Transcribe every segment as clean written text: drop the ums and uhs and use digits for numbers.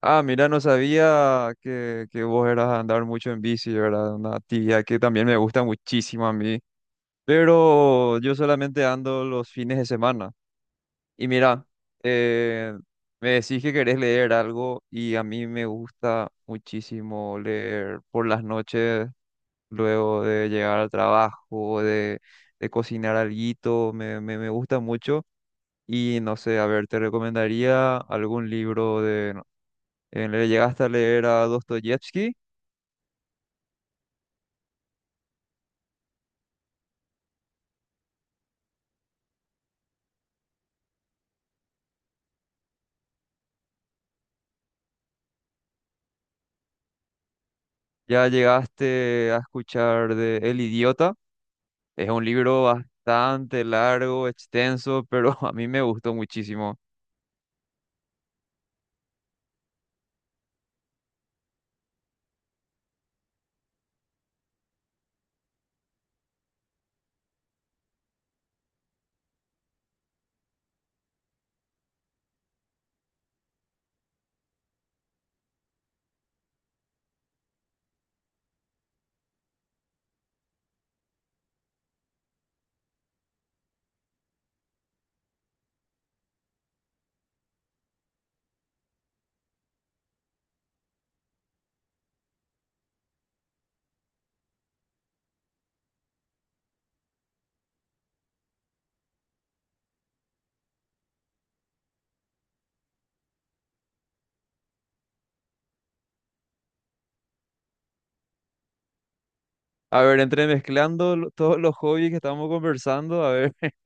Ah, mira, no sabía que vos eras a andar mucho en bici, ¿verdad? Una actividad que también me gusta muchísimo a mí. Pero yo solamente ando los fines de semana. Y mira, eh, me decís que querés leer algo y a mí me gusta muchísimo leer por las noches, luego de llegar al trabajo, de cocinar alguito, me gusta mucho. Y no sé, a ver, te recomendaría algún libro de le llegaste a leer a Dostoyevsky, ya llegaste a escuchar de El Idiota. Es un libro bastante largo, extenso, pero a mí me gustó muchísimo. A ver, entremezclando todos los hobbies que estamos conversando, a ver,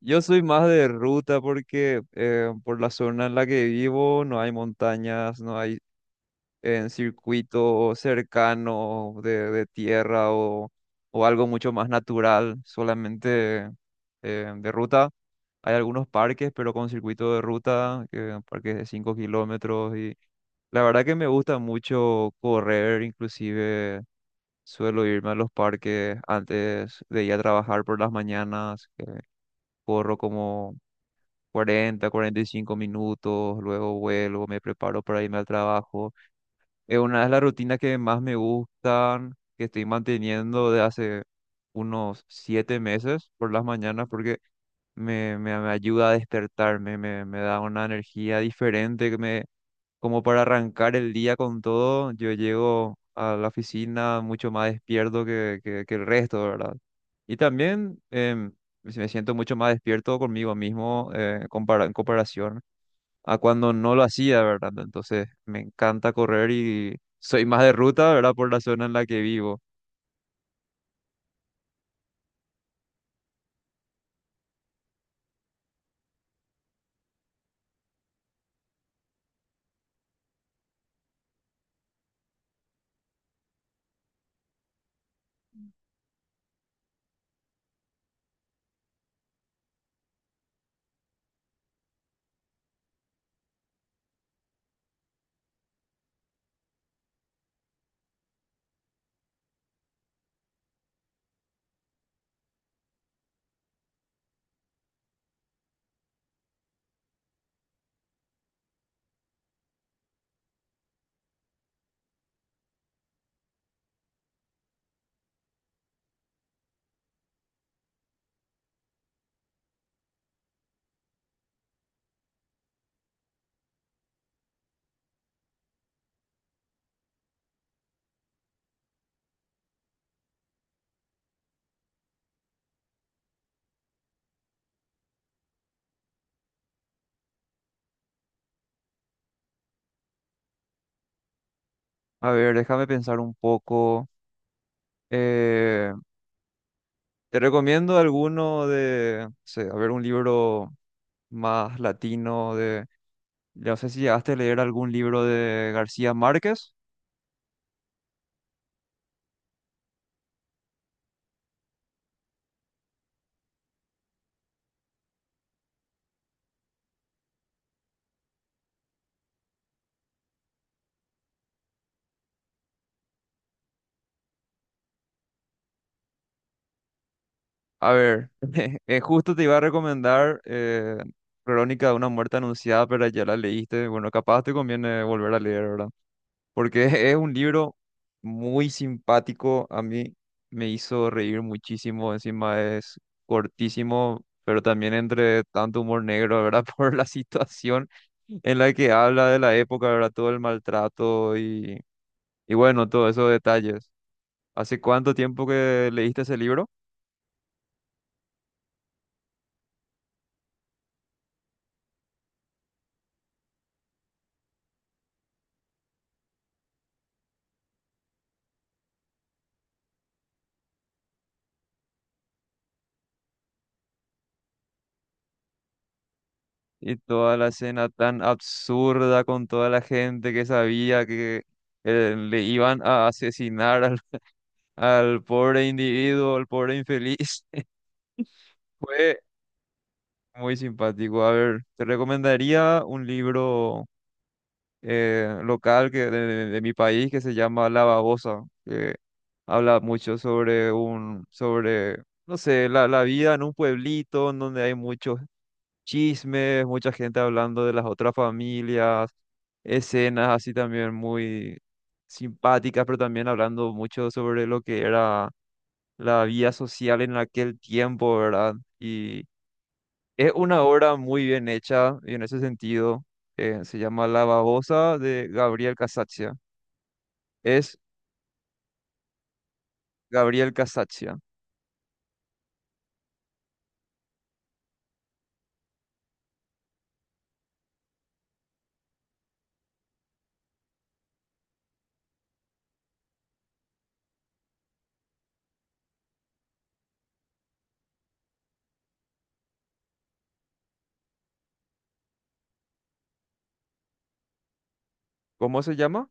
yo soy más de ruta porque por la zona en la que vivo no hay montañas, no hay en circuito cercano de tierra o algo mucho más natural, solamente de ruta. Hay algunos parques, pero con circuito de ruta, parques de 5 kilómetros y la verdad que me gusta mucho correr, inclusive suelo irme a los parques antes de ir a trabajar por las mañanas, que corro como 40 a 45 minutos, luego vuelvo, me preparo para irme al trabajo. Es una de las rutinas que más me gustan, que estoy manteniendo de hace unos 7 meses por las mañanas, porque me ayuda a despertarme, me da una energía diferente, que me, como para arrancar el día con todo. Yo llego a la oficina mucho más despierto que el resto, ¿verdad? Y también me siento mucho más despierto conmigo mismo en comparación a cuando no lo hacía, ¿verdad? Entonces me encanta correr y soy más de ruta, ¿verdad? Por la zona en la que vivo. A ver, déjame pensar un poco. Eh, te recomiendo alguno de, no sé, a ver, un libro más latino de, no sé si llegaste a leer algún libro de García Márquez. A ver, justo te iba a recomendar Crónica de una muerte anunciada, pero ya la leíste. Bueno, capaz te conviene volver a leer, ¿verdad? Porque es un libro muy simpático, a mí me hizo reír muchísimo, encima es cortísimo, pero también entre tanto humor negro, ¿verdad? Por la situación en la que habla de la época, ¿verdad? Todo el maltrato y bueno, todos esos detalles. ¿Hace cuánto tiempo que leíste ese libro? Y toda la escena tan absurda con toda la gente que sabía que le iban a asesinar al, al pobre individuo, al pobre infeliz. Fue muy simpático. A ver, te recomendaría un libro local que de mi país que se llama La Babosa, que habla mucho sobre un, sobre, no sé, la vida en un pueblito en donde hay muchos chismes, mucha gente hablando de las otras familias, escenas así también muy simpáticas, pero también hablando mucho sobre lo que era la vida social en aquel tiempo, ¿verdad? Y es una obra muy bien hecha y en ese sentido se llama La babosa de Gabriel Casaccia. Es Gabriel Casaccia. ¿Cómo se llama?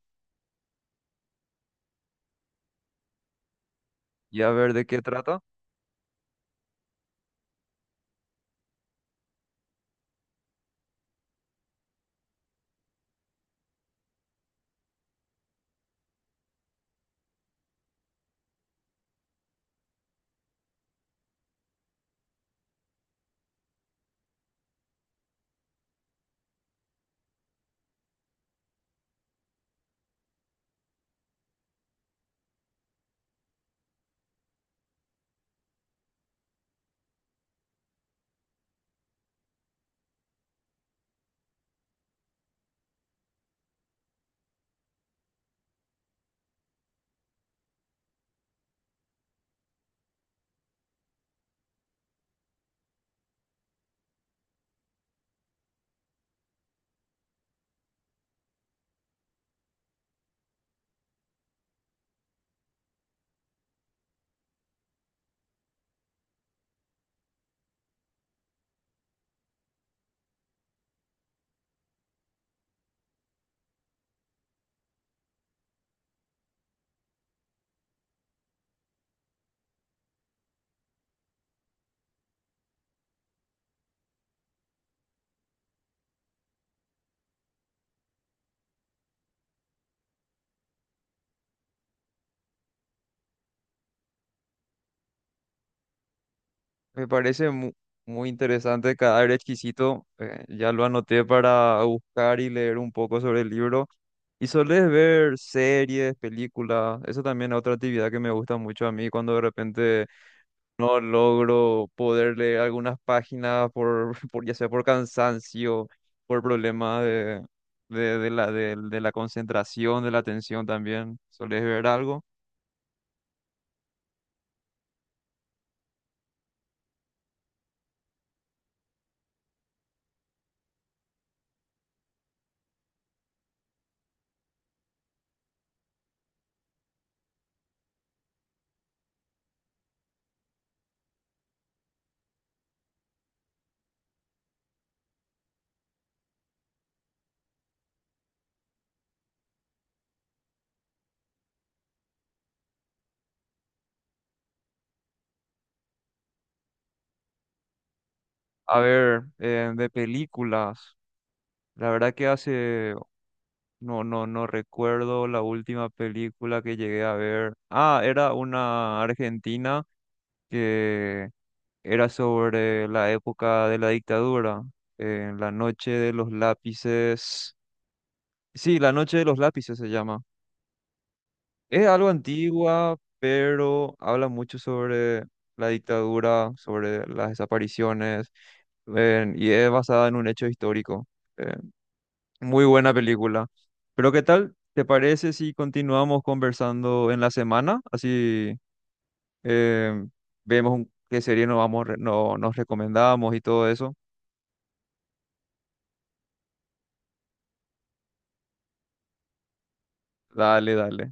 Y a ver de qué trata. Me parece muy interesante, cadáver exquisito. Ya lo anoté para buscar y leer un poco sobre el libro. Y solés ver series, películas. Eso también es otra actividad que me gusta mucho a mí cuando de repente no logro poder leer algunas páginas por, por ya sea por cansancio, por problemas de la concentración, de la atención también. ¿Solés ver algo? A ver, de películas. La verdad que hace, no recuerdo la última película que llegué a ver. Ah, era una argentina que era sobre la época de la dictadura. En la noche de los lápices. Sí, La Noche de los Lápices se llama. Es algo antigua, pero habla mucho sobre la dictadura, sobre las desapariciones, y es basada en un hecho histórico. Eh, muy buena película. Pero ¿qué tal? ¿Te parece si continuamos conversando en la semana? Así eh, vemos qué serie nos vamos, re- no, nos recomendamos y todo eso. Dale, dale.